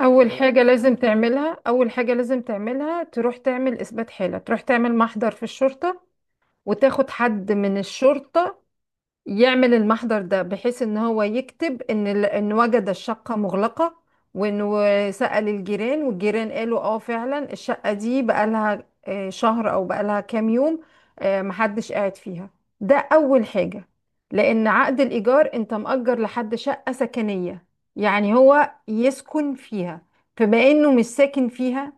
اول حاجه لازم تعملها تروح تعمل اثبات حاله، تروح تعمل محضر في الشرطه، وتاخد حد من الشرطه يعمل المحضر ده بحيث ان هو يكتب ان ان وجد الشقة مغلقة، وانه سأل الجيران، والجيران قالوا اه فعلا الشقة دي بقالها شهر او بقالها كام يوم، محدش قاعد فيها. ده اول حاجة. لان عقد الايجار انت مأجر لحد شقة سكنية، يعني هو يسكن فيها، فبما انه مش ساكن فيها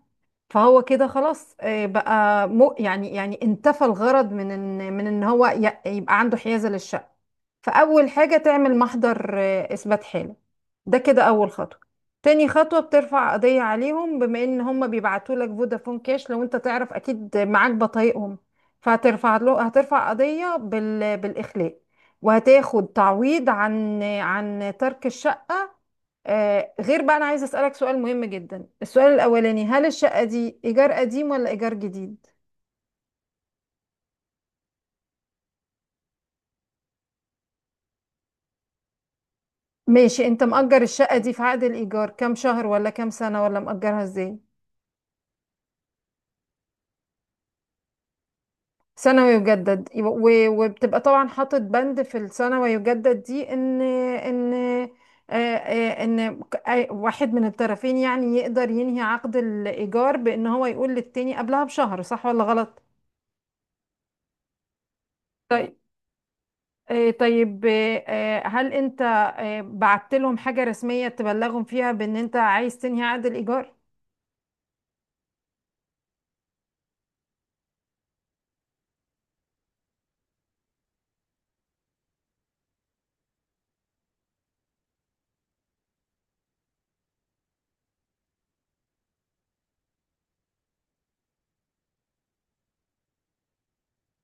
فهو كده خلاص بقى مو يعني يعني انتفى الغرض من ان هو يبقى عنده حيازة للشقة. فأول حاجة تعمل محضر إثبات حالة. ده كده أول خطوة. تاني خطوة بترفع قضية عليهم، بما إن هم بيبعتوا لك فودافون كاش، لو أنت تعرف أكيد معاك بطايقهم. فهترفع له هترفع قضية بالإخلاء، وهتاخد تعويض عن ترك الشقة. غير بقى أنا عايزة أسألك سؤال مهم جدا. السؤال الأولاني، هل الشقة دي إيجار قديم ولا إيجار جديد؟ ماشي. أنت مأجر الشقة دي في عقد الإيجار كام شهر ولا كام سنة ولا مأجرها إزاي؟ ثانوي يجدد، وبتبقى طبعا حاطط بند في الثانوي يجدد دي ان ان آه، آه، ان واحد من الطرفين يعني يقدر ينهي عقد الايجار بان هو يقول للتاني قبلها بشهر، صح ولا غلط؟ طيب. طيب هل انت بعت لهم حاجة رسمية تبلغهم فيها بان انت عايز تنهي عقد الايجار؟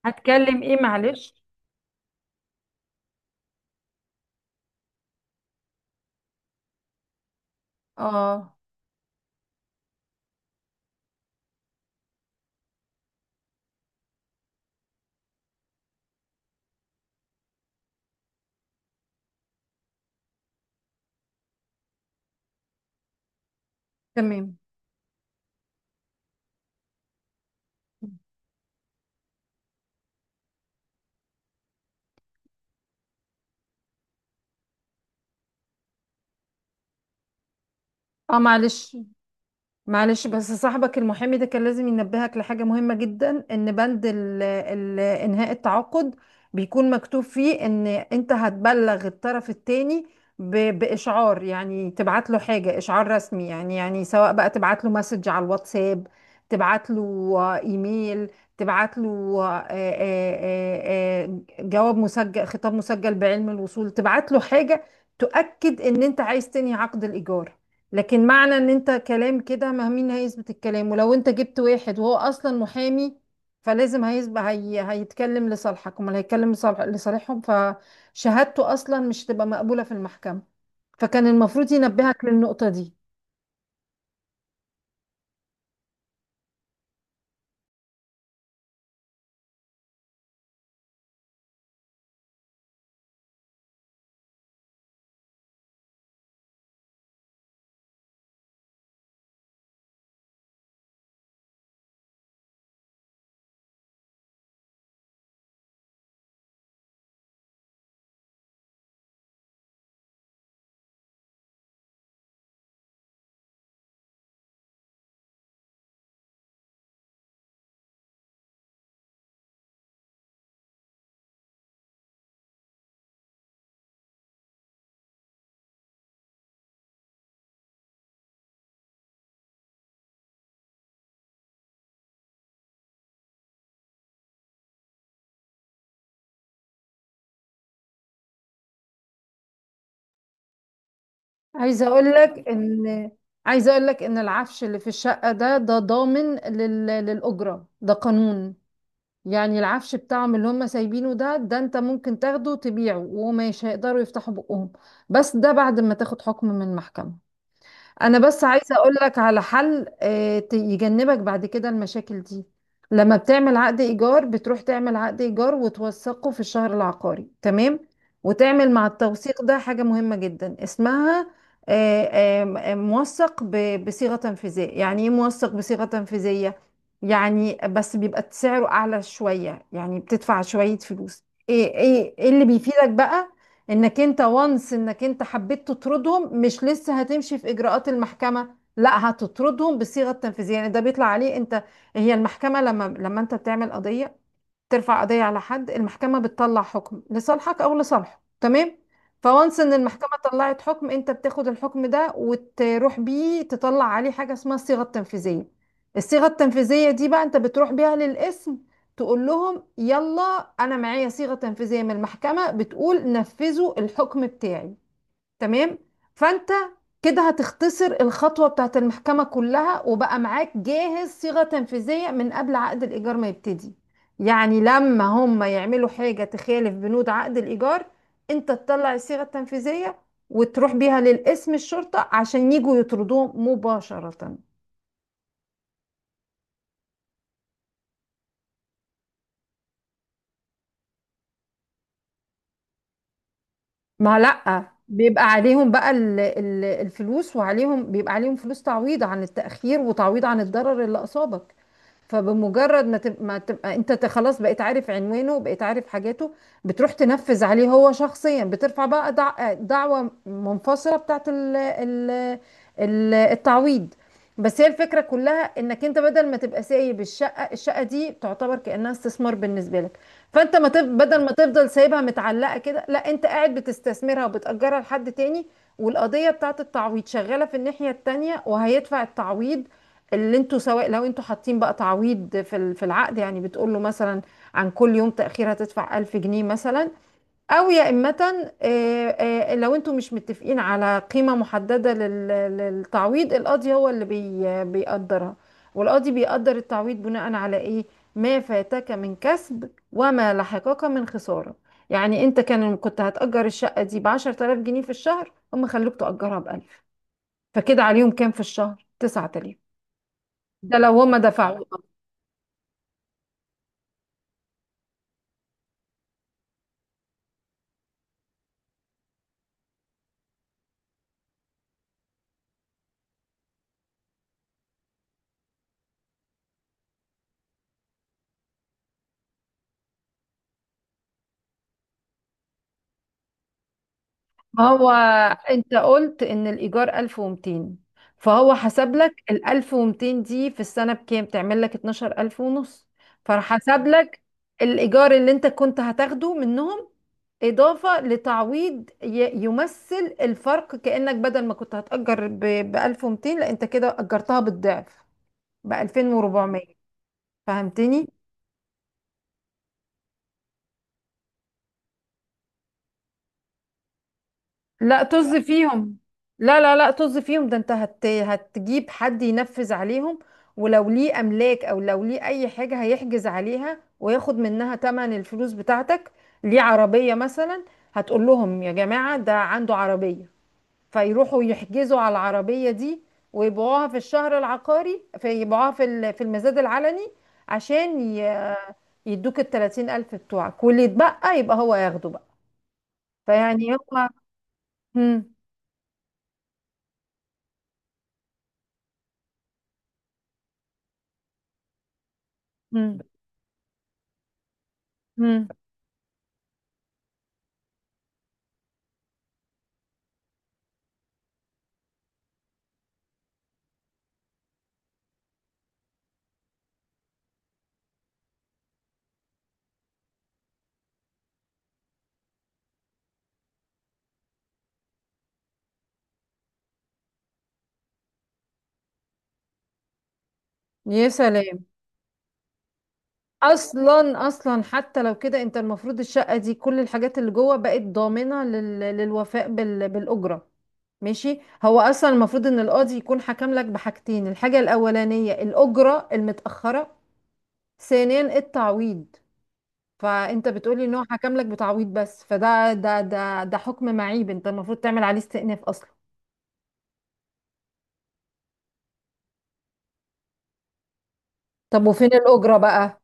هتكلم ايه؟ معلش. اه. تمام. اه معلش. معلش، بس صاحبك المحامي ده كان لازم ينبهك لحاجة مهمة جدا، ان بند ال انهاء التعاقد بيكون مكتوب فيه ان انت هتبلغ الطرف التاني باشعار، يعني تبعت له حاجة اشعار رسمي، يعني يعني سواء بقى تبعت له مسج على الواتساب، تبعت له ايميل، تبعت له آه، آه، آه، جواب مسجل، خطاب مسجل بعلم الوصول، تبعت له حاجة تؤكد ان انت عايز تنهي عقد الايجار. لكن معنى ان انت كلام كده، ما مين هيثبت الكلام؟ ولو انت جبت واحد وهو اصلا محامي، فلازم هيثبت هيتكلم لصالحك، امال هيتكلم لصالحهم؟ فشهادته اصلا مش تبقى مقبولة في المحكمة. فكان المفروض ينبهك للنقطة دي. عايزة اقول لك ان عايزة اقول لك ان العفش اللي في الشقة ده ضامن للأجرة. ده قانون. يعني العفش بتاعهم اللي هم سايبينه ده انت ممكن تاخده وتبيعه ومش هيقدروا يفتحوا بقهم، بس ده بعد ما تاخد حكم من المحكمة. انا بس عايزه اقول لك على حل يجنبك بعد كده المشاكل دي. لما بتعمل عقد ايجار بتروح تعمل عقد ايجار وتوثقه في الشهر العقاري، تمام، وتعمل مع التوثيق ده حاجه مهمه جدا اسمها آه، موثق بصيغه تنفيذيه. يعني ايه موثق بصيغه تنفيذيه؟ يعني بس بيبقى سعره اعلى شويه، يعني بتدفع شويه فلوس. ايه ايه إيه اللي بيفيدك بقى؟ انك انت انك انت حبيت تطردهم مش لسه هتمشي في اجراءات المحكمة، لا هتطردهم بالصيغة التنفيذية. يعني ده بيطلع عليه انت. هي المحكمة لما انت بتعمل قضية، ترفع قضية على حد، المحكمة بتطلع حكم لصالحك أو لصالحه، تمام. فوانس إن المحكمة طلعت حكم، أنت بتاخد الحكم ده وتروح بيه تطلع عليه حاجة اسمها الصيغة التنفيذية. الصيغة التنفيذية دي بقى أنت بتروح بيها للقسم، تقول لهم يلا، أنا معايا صيغة تنفيذية من المحكمة بتقول نفذوا الحكم بتاعي. تمام. فانت كده هتختصر الخطوة بتاعت المحكمة كلها، وبقى معاك جاهز صيغة تنفيذية من قبل عقد الإيجار ما يبتدي. يعني لما هم يعملوا حاجة تخالف بنود عقد الإيجار، انت تطلع الصيغة التنفيذية وتروح بيها للقسم الشرطة عشان يجوا يطردوهم مباشرة. ما لأ، بيبقى عليهم بقى الفلوس، وعليهم، بيبقى عليهم فلوس تعويض عن التأخير، وتعويض عن الضرر اللي أصابك. فبمجرد ما تبقى انت خلاص بقيت عارف عنوانه، بقيت عارف حاجاته، بتروح تنفذ عليه هو شخصيا. بترفع بقى دعوة منفصلة بتاعت التعويض. بس هي الفكرة كلها انك انت بدل ما تبقى سايب الشقة، الشقة دي تعتبر كأنها استثمار بالنسبة لك. فانت ما تف... بدل ما تفضل سايبها متعلقة كده، لا، انت قاعد بتستثمرها وبتأجرها لحد تاني. والقضية بتاعت التعويض شغالة في الناحية التانية، وهيدفع التعويض اللي انتوا، سواء لو انتوا حاطين بقى تعويض في في العقد. يعني بتقول له مثلا عن كل يوم تأخير هتدفع 1000 جنيه مثلا، او يا إما لو انتوا مش متفقين على قيمة محددة للتعويض، القاضي هو اللي بيقدرها. والقاضي بيقدر التعويض بناء على ايه؟ ما فاتك من كسب، وما لحقك من خسارة. يعني انت كان كنت هتأجر الشقة دي بعشرة آلاف جنيه في الشهر، هم خلوك تأجرها بألف، فكده عليهم كام في الشهر؟ تسعة آلاف. ده لو هما دفعوا. ما هو انت قلت ان الايجار 1200، فهو حسب لك ال 1200 دي في السنه بكام؟ تعمل لك 12000 ونص. فحسب لك الايجار اللي انت كنت هتاخده منهم اضافه لتعويض يمثل الفرق، كانك بدل ما كنت هتاجر ب 1200 لا انت كده اجرتها بالضعف ب 2400. فهمتني؟ لا، طز فيهم. لا، لا، لا، طز فيهم. ده انت هتجيب حد ينفذ عليهم، ولو ليه املاك او لو ليه اي حاجة هيحجز عليها وياخد منها تمن الفلوس بتاعتك. ليه عربية مثلا، هتقول لهم يا جماعة ده عنده عربية، فيروحوا يحجزوا على العربية دي، ويبيعوها في الشهر العقاري، فيبيعوها في في المزاد العلني عشان يدوك التلاتين ألف بتوعك، واللي يتبقى يبقى هو ياخده بقى. فيعني هما هم هم يا سلام. اصلا اصلا، حتى لو كده، انت المفروض الشقه دي كل الحاجات اللي جوه بقت ضامنه للوفاء بالاجره. ماشي. هو اصلا المفروض ان القاضي يكون حكم لك بحاجتين، الحاجه الاولانيه الاجره المتاخره، ثانيا التعويض. فانت بتقولي ان هو حكم لك بتعويض بس، فده ده ده ده حكم معيب، انت المفروض تعمل عليه استئناف اصلا. طب وفين الاجره بقى؟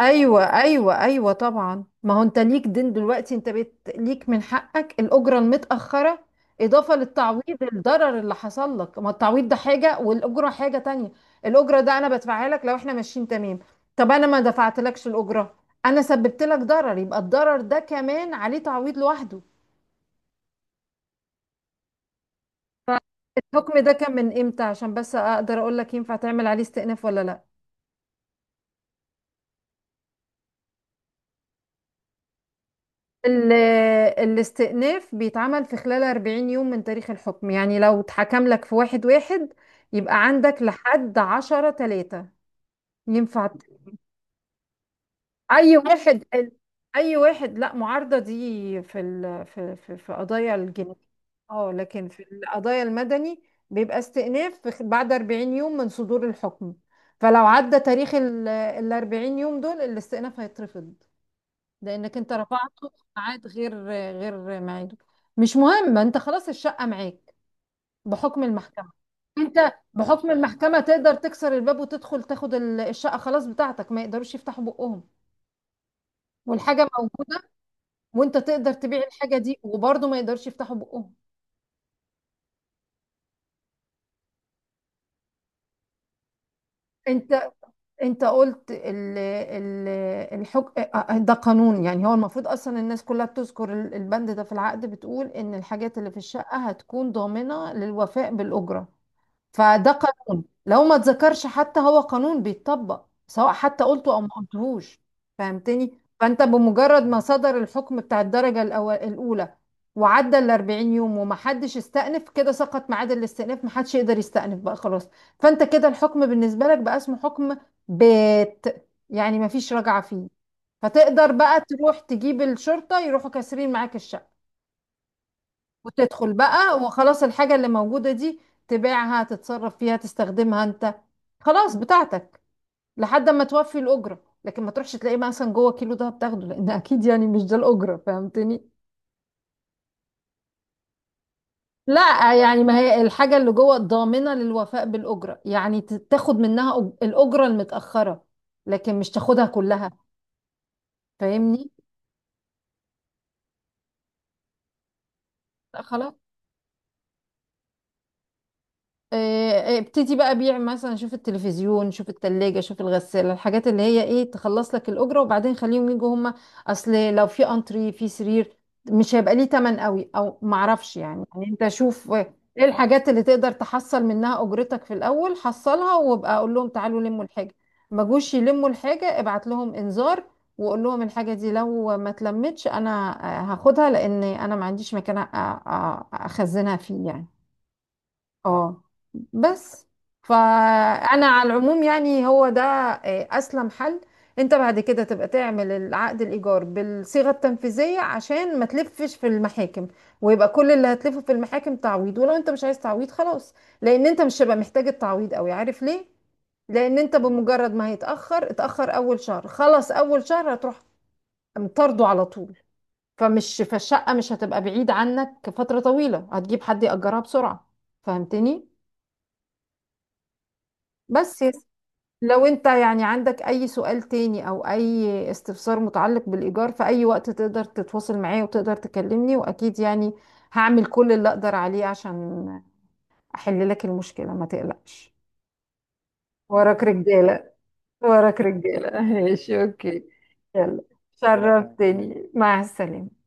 ايوه، ايوه، ايوه، طبعا. ما هو انت ليك دين دلوقتي، انت ليك من حقك الاجره المتاخره اضافه للتعويض، الضرر اللي حصل لك. ما التعويض ده حاجه والاجره حاجه تانية. الاجره ده انا بدفعها لك لو احنا ماشيين تمام. طب انا ما دفعتلكش الاجره، انا سببت لك ضرر، يبقى الضرر ده كمان عليه تعويض لوحده. الحكم ده كان من امتى عشان بس اقدر اقول لك ينفع تعمل عليه استئناف ولا لا؟ ال- الاستئناف بيتعمل في خلال 40 يوم من تاريخ الحكم، يعني لو اتحكم لك في واحد واحد يبقى عندك لحد عشرة تلاتة ينفع أي واحد ال- أي واحد. لا، معارضة دي في في قضايا الجنائية. اه، لكن في القضايا المدني بيبقى استئناف في بعد 40 يوم من صدور الحكم. فلو عدى تاريخ ال 40 يوم دول، الاستئناف هيترفض، لانك انت رفعته في ميعاد غير ميعاده. مش مهم، انت خلاص الشقه معاك بحكم المحكمه. انت بحكم المحكمه تقدر تكسر الباب وتدخل تاخد الشقه، خلاص بتاعتك، ما يقدروش يفتحوا بقهم، والحاجه موجوده، وانت تقدر تبيع الحاجه دي وبرضه ما يقدرش يفتحوا بقهم. انت انت قلت ال ال الحك... اه، ده قانون. يعني هو المفروض اصلا الناس كلها بتذكر البند ده في العقد، بتقول ان الحاجات اللي في الشقه هتكون ضامنه للوفاء بالاجره. فده قانون لو ما اتذكرش، حتى هو قانون بيتطبق سواء حتى قلته او ما قلتهوش. فهمتني؟ فانت بمجرد ما صدر الحكم بتاع الدرجة الأولى وعدى ال 40 يوم وما حدش استأنف، كده سقط ميعاد الاستئناف، ما حدش يقدر يستأنف بقى خلاص. فانت كده الحكم بالنسبة لك بقى اسمه حكم بات، يعني ما فيش رجعة فيه. فتقدر بقى تروح تجيب الشرطة يروحوا كاسرين معاك الشقة وتدخل بقى وخلاص. الحاجة اللي موجودة دي تبيعها، تتصرف فيها، تستخدمها انت، خلاص بتاعتك لحد ما توفي الأجرة. لكن ما تروحش تلاقيه مثلا جوه كيلو ده بتاخده، لأن أكيد يعني مش ده الأجرة. فهمتني؟ لا، يعني ما هي الحاجة اللي جوه ضامنة للوفاء بالأجرة، يعني تاخد منها الأجرة المتأخرة، لكن مش تاخدها كلها. فاهمني. لا خلاص. ابتدي بقى بيع مثلا، شوف التلفزيون، شوف التلاجة، شوف الغسالة، الحاجات اللي هي ايه تخلص لك الأجرة، وبعدين خليهم يجوا هما. أصل لو في أنتري، في سرير، مش هيبقى ليه تمن قوي، أو معرفش يعني. يعني أنت شوف ايه الحاجات اللي تقدر تحصل منها أجرتك في الأول، حصلها، وابقى أقول لهم تعالوا لموا الحاجة. ما جوش يلموا الحاجة، ابعت لهم إنذار وقول لهم الحاجة دي لو ما اتلمتش أنا هاخدها، لأن أنا ما عنديش مكان أخزنها فيه يعني. اه. بس، فانا على العموم يعني هو ده اسلم حل. انت بعد كده تبقى تعمل العقد الايجار بالصيغه التنفيذيه عشان ما تلفش في المحاكم، ويبقى كل اللي هتلفه في المحاكم تعويض. ولو انت مش عايز تعويض خلاص، لان انت مش هيبقى محتاج التعويض قوي، عارف ليه؟ لان انت بمجرد ما اتاخر اول شهر، خلص اول شهر هتروح مطرده على طول. فالشقه مش هتبقى بعيد عنك فتره طويله، هتجيب حد ياجرها بسرعه. فهمتني؟ بس يا س- لو انت يعني عندك اي سؤال تاني او اي استفسار متعلق بالايجار في اي وقت تقدر تتواصل معايا وتقدر تكلمني، واكيد يعني هعمل كل اللي اقدر عليه عشان احل لك المشكلة، ما تقلقش. وراك رجالة وراك رجالة، ماشي، اوكي. يلا، شرفتني، مع السلامة.